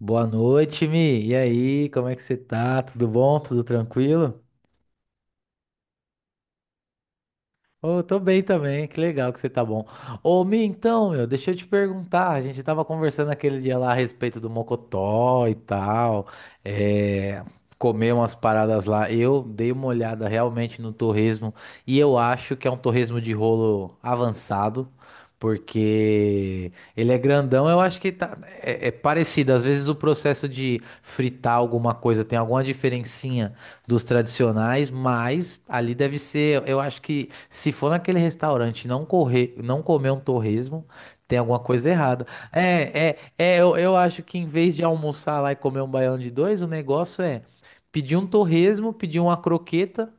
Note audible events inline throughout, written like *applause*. Boa noite, Mi. E aí, como é que você tá? Tudo bom? Tudo tranquilo? Ô, tô bem também, que legal que você tá bom. Ô, Mi, então, meu, deixa eu te perguntar, a gente tava conversando aquele dia lá a respeito do Mocotó e tal, é, comer umas paradas lá. Eu dei uma olhada realmente no torresmo e eu acho que é um torresmo de rolo avançado, porque ele é grandão, eu acho que tá, é parecido. Às vezes o processo de fritar alguma coisa tem alguma diferencinha dos tradicionais, mas ali deve ser, eu acho que se for naquele restaurante e não correr, não comer um torresmo, tem alguma coisa errada. É, eu acho que em vez de almoçar lá e comer um baião de dois, o negócio é pedir um torresmo, pedir uma croqueta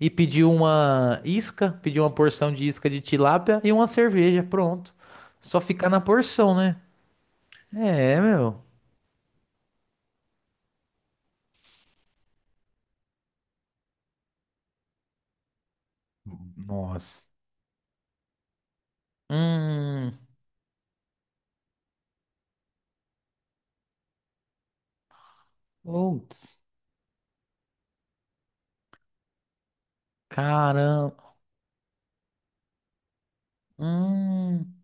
e pedir uma isca, pedir uma porção de isca de tilápia e uma cerveja, pronto. Só ficar na porção, né? É, meu. Nossa. Hum. Putz. Caramba. Hum.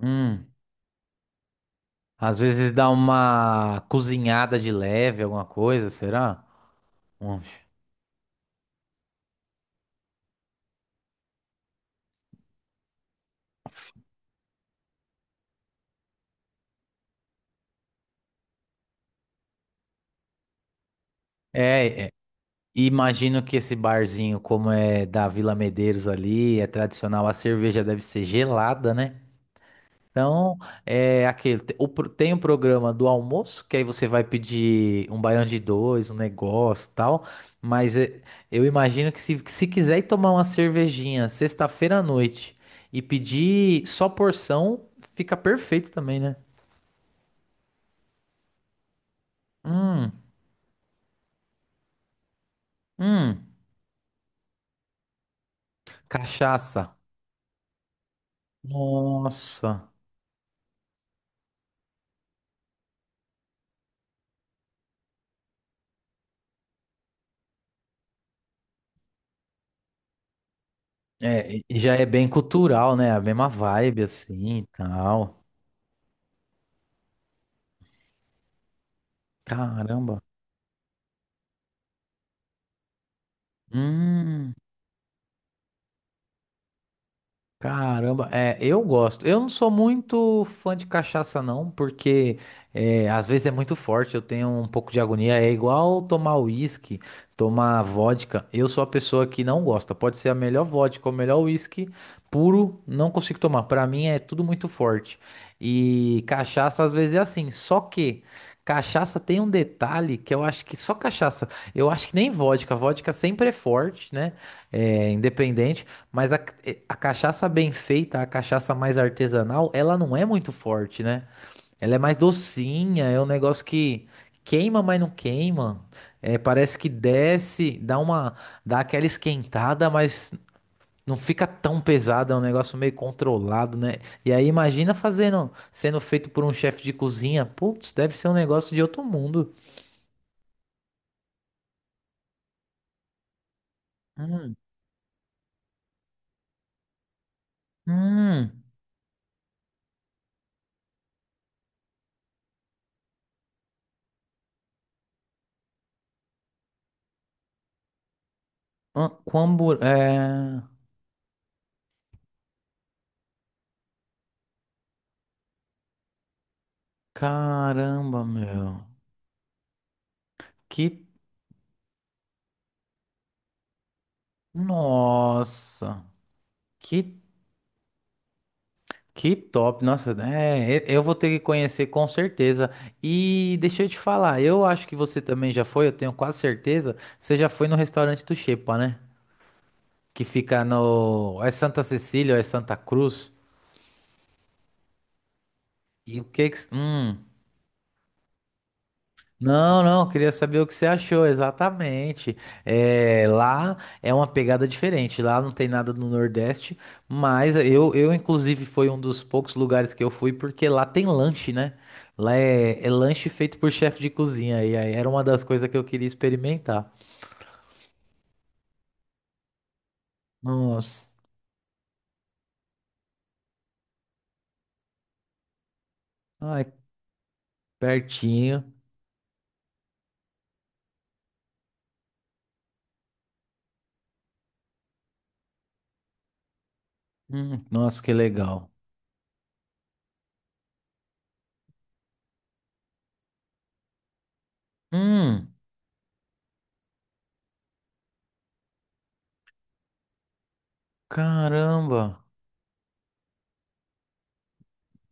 Hum. Às vezes dá uma cozinhada de leve, alguma coisa, será? Um- é, imagino que esse barzinho, como é da Vila Medeiros ali, é tradicional, a cerveja deve ser gelada, né? Então, é aquele. Tem o programa do almoço, que aí você vai pedir um baião de dois, um negócio e tal. Mas é, eu imagino que se quiser ir tomar uma cervejinha sexta-feira à noite e pedir só porção, fica perfeito também, né? Hum. Hum, cachaça. Nossa. É, e já é bem cultural, né? A mesma vibe assim e tal. Caramba. Hum. Caramba, é, eu gosto. Eu não sou muito fã de cachaça, não, porque é, às vezes é muito forte, eu tenho um pouco de agonia. É igual tomar uísque, tomar vodka. Eu sou a pessoa que não gosta. Pode ser a melhor vodka ou o melhor uísque puro, não consigo tomar. Pra mim é tudo muito forte. E cachaça às vezes é assim. Só que cachaça tem um detalhe que eu acho que só cachaça. Eu acho que nem vodka. Vodka sempre é forte, né? É, independente. Mas a cachaça bem feita, a cachaça mais artesanal, ela não é muito forte, né? Ela é mais docinha, é um negócio que queima, mas não queima. É, parece que desce, dá uma, dá aquela esquentada, mas não fica tão pesada, é um negócio meio controlado, né? E aí imagina fazendo, sendo feito por um chefe de cozinha. Putz, deve ser um negócio de outro mundo. Hum, hum, ah, com hambúrguer. É... Caramba, meu. Que Nossa, que, que top. Nossa, é, eu vou ter que conhecer com certeza. E deixa eu te falar, eu acho que você também já foi, eu tenho quase certeza. Você já foi no restaurante do Xepa, né? Que fica no. É Santa Cecília, ou é Santa Cruz. E o que que. Hum. Não, não, queria saber o que você achou exatamente. É, lá é uma pegada diferente, lá não tem nada no Nordeste, mas eu inclusive foi um dos poucos lugares que eu fui porque lá tem lanche, né? Lá é, é lanche feito por chefe de cozinha e aí era uma das coisas que eu queria experimentar. Nossa, ai, pertinho. Nossa, que legal. Hum, caramba.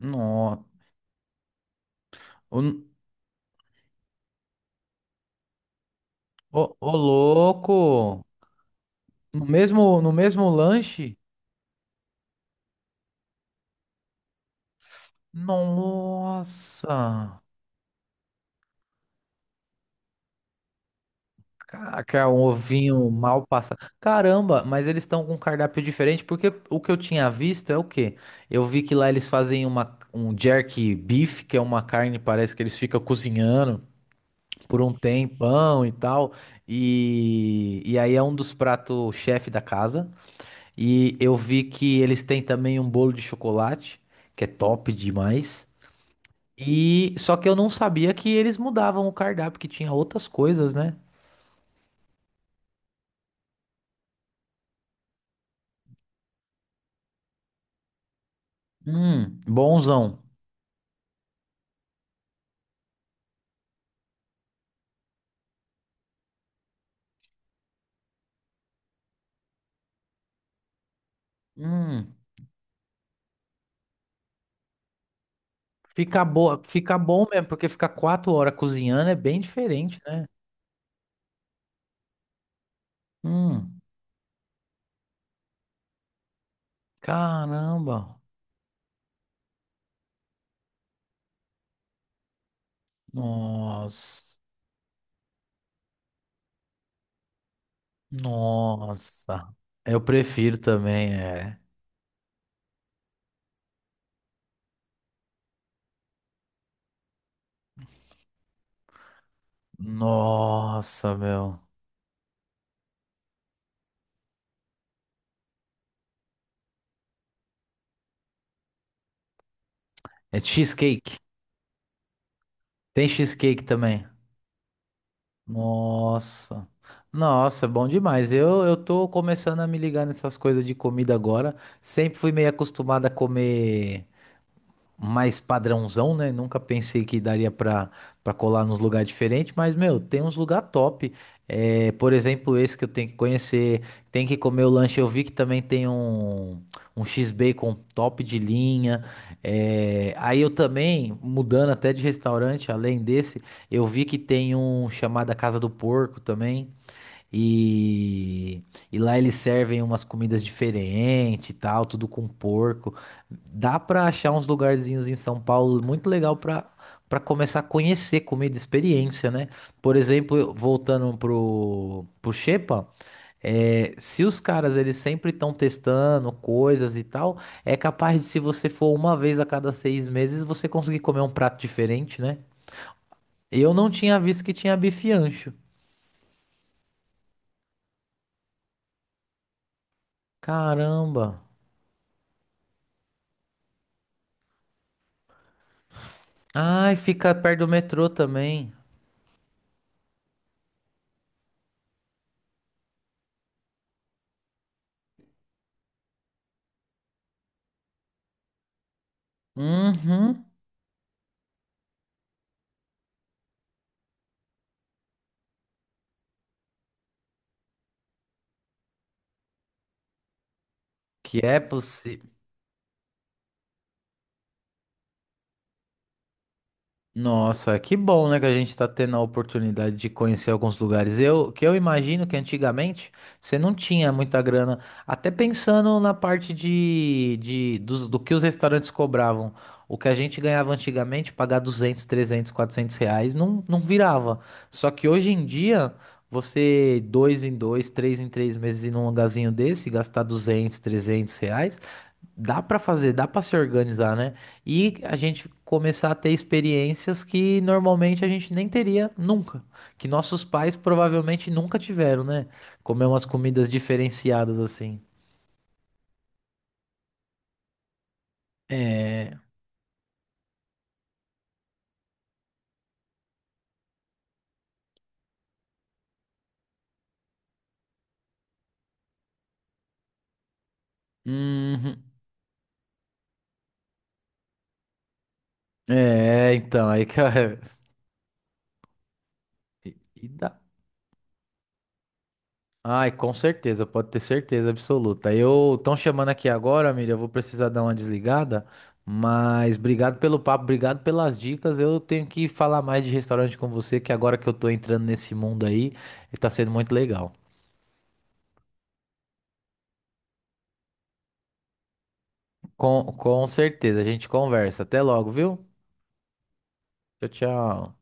Nossa, ô, ô ô louco. No mesmo lanche? Nossa! Caraca, um ovinho mal passado. Caramba, mas eles estão com um cardápio diferente, porque o que eu tinha visto é o quê? Eu vi que lá eles fazem uma, um jerky beef, que é uma carne, parece que eles ficam cozinhando por um tempão e tal. E aí é um dos pratos chefe da casa. E eu vi que eles têm também um bolo de chocolate, que é top demais. E só que eu não sabia que eles mudavam o cardápio, que tinha outras coisas, né? Bonzão. Hum, fica boa, fica bom mesmo, porque ficar 4 horas cozinhando é bem diferente, né? Hum, caramba. Nossa. Nossa. Eu prefiro também, é. Nossa, meu. É cheesecake. Tem cheesecake também. Nossa. Nossa, é bom demais. Eu tô começando a me ligar nessas coisas de comida agora. Sempre fui meio acostumado a comer mais padrãozão, né? Nunca pensei que daria pra, colar nos lugares diferentes, mas, meu, tem uns lugar top. É, por exemplo, esse que eu tenho que conhecer, tem que comer o lanche. Eu vi que também tem um, um X-Bacon top de linha. É, aí eu também, mudando até de restaurante, além desse, eu vi que tem um chamado a Casa do Porco também. E, e lá eles servem umas comidas diferentes e tal, tudo com porco. Dá pra achar uns lugarzinhos em São Paulo muito legal pra, começar a conhecer comida, experiência, né? Por exemplo, voltando pro, Xepa, é, se os caras eles sempre estão testando coisas e tal, é capaz de se você for uma vez a cada 6 meses, você conseguir comer um prato diferente, né? Eu não tinha visto que tinha bife ancho. Caramba! Ai, fica perto do metrô também. Uhum. Que é possível. Nossa, que bom, né, que a gente tá tendo a oportunidade de conhecer alguns lugares. Eu, que eu imagino que antigamente você não tinha muita grana, até pensando na parte do que os restaurantes cobravam. O que a gente ganhava antigamente, pagar R$ 200, R$ 300, R$ 400, não, não virava. Só que hoje em dia, você dois em dois, três em três meses ir num lugarzinho desse, gastar R$ 200, R$ 300, dá pra fazer, dá pra se organizar, né? E a gente começar a ter experiências que normalmente a gente nem teria nunca, que nossos pais provavelmente nunca tiveram, né? Comer umas comidas diferenciadas assim. É. Uhum. É, então, aí que *laughs* e dá. Ai, com certeza, pode ter certeza absoluta. Eu estão chamando aqui agora, amiga, eu vou precisar dar uma desligada, mas obrigado pelo papo, obrigado pelas dicas. Eu tenho que falar mais de restaurante com você, que agora que eu tô entrando nesse mundo aí, tá sendo muito legal. Com certeza, a gente conversa. Até logo, viu? Tchau, tchau.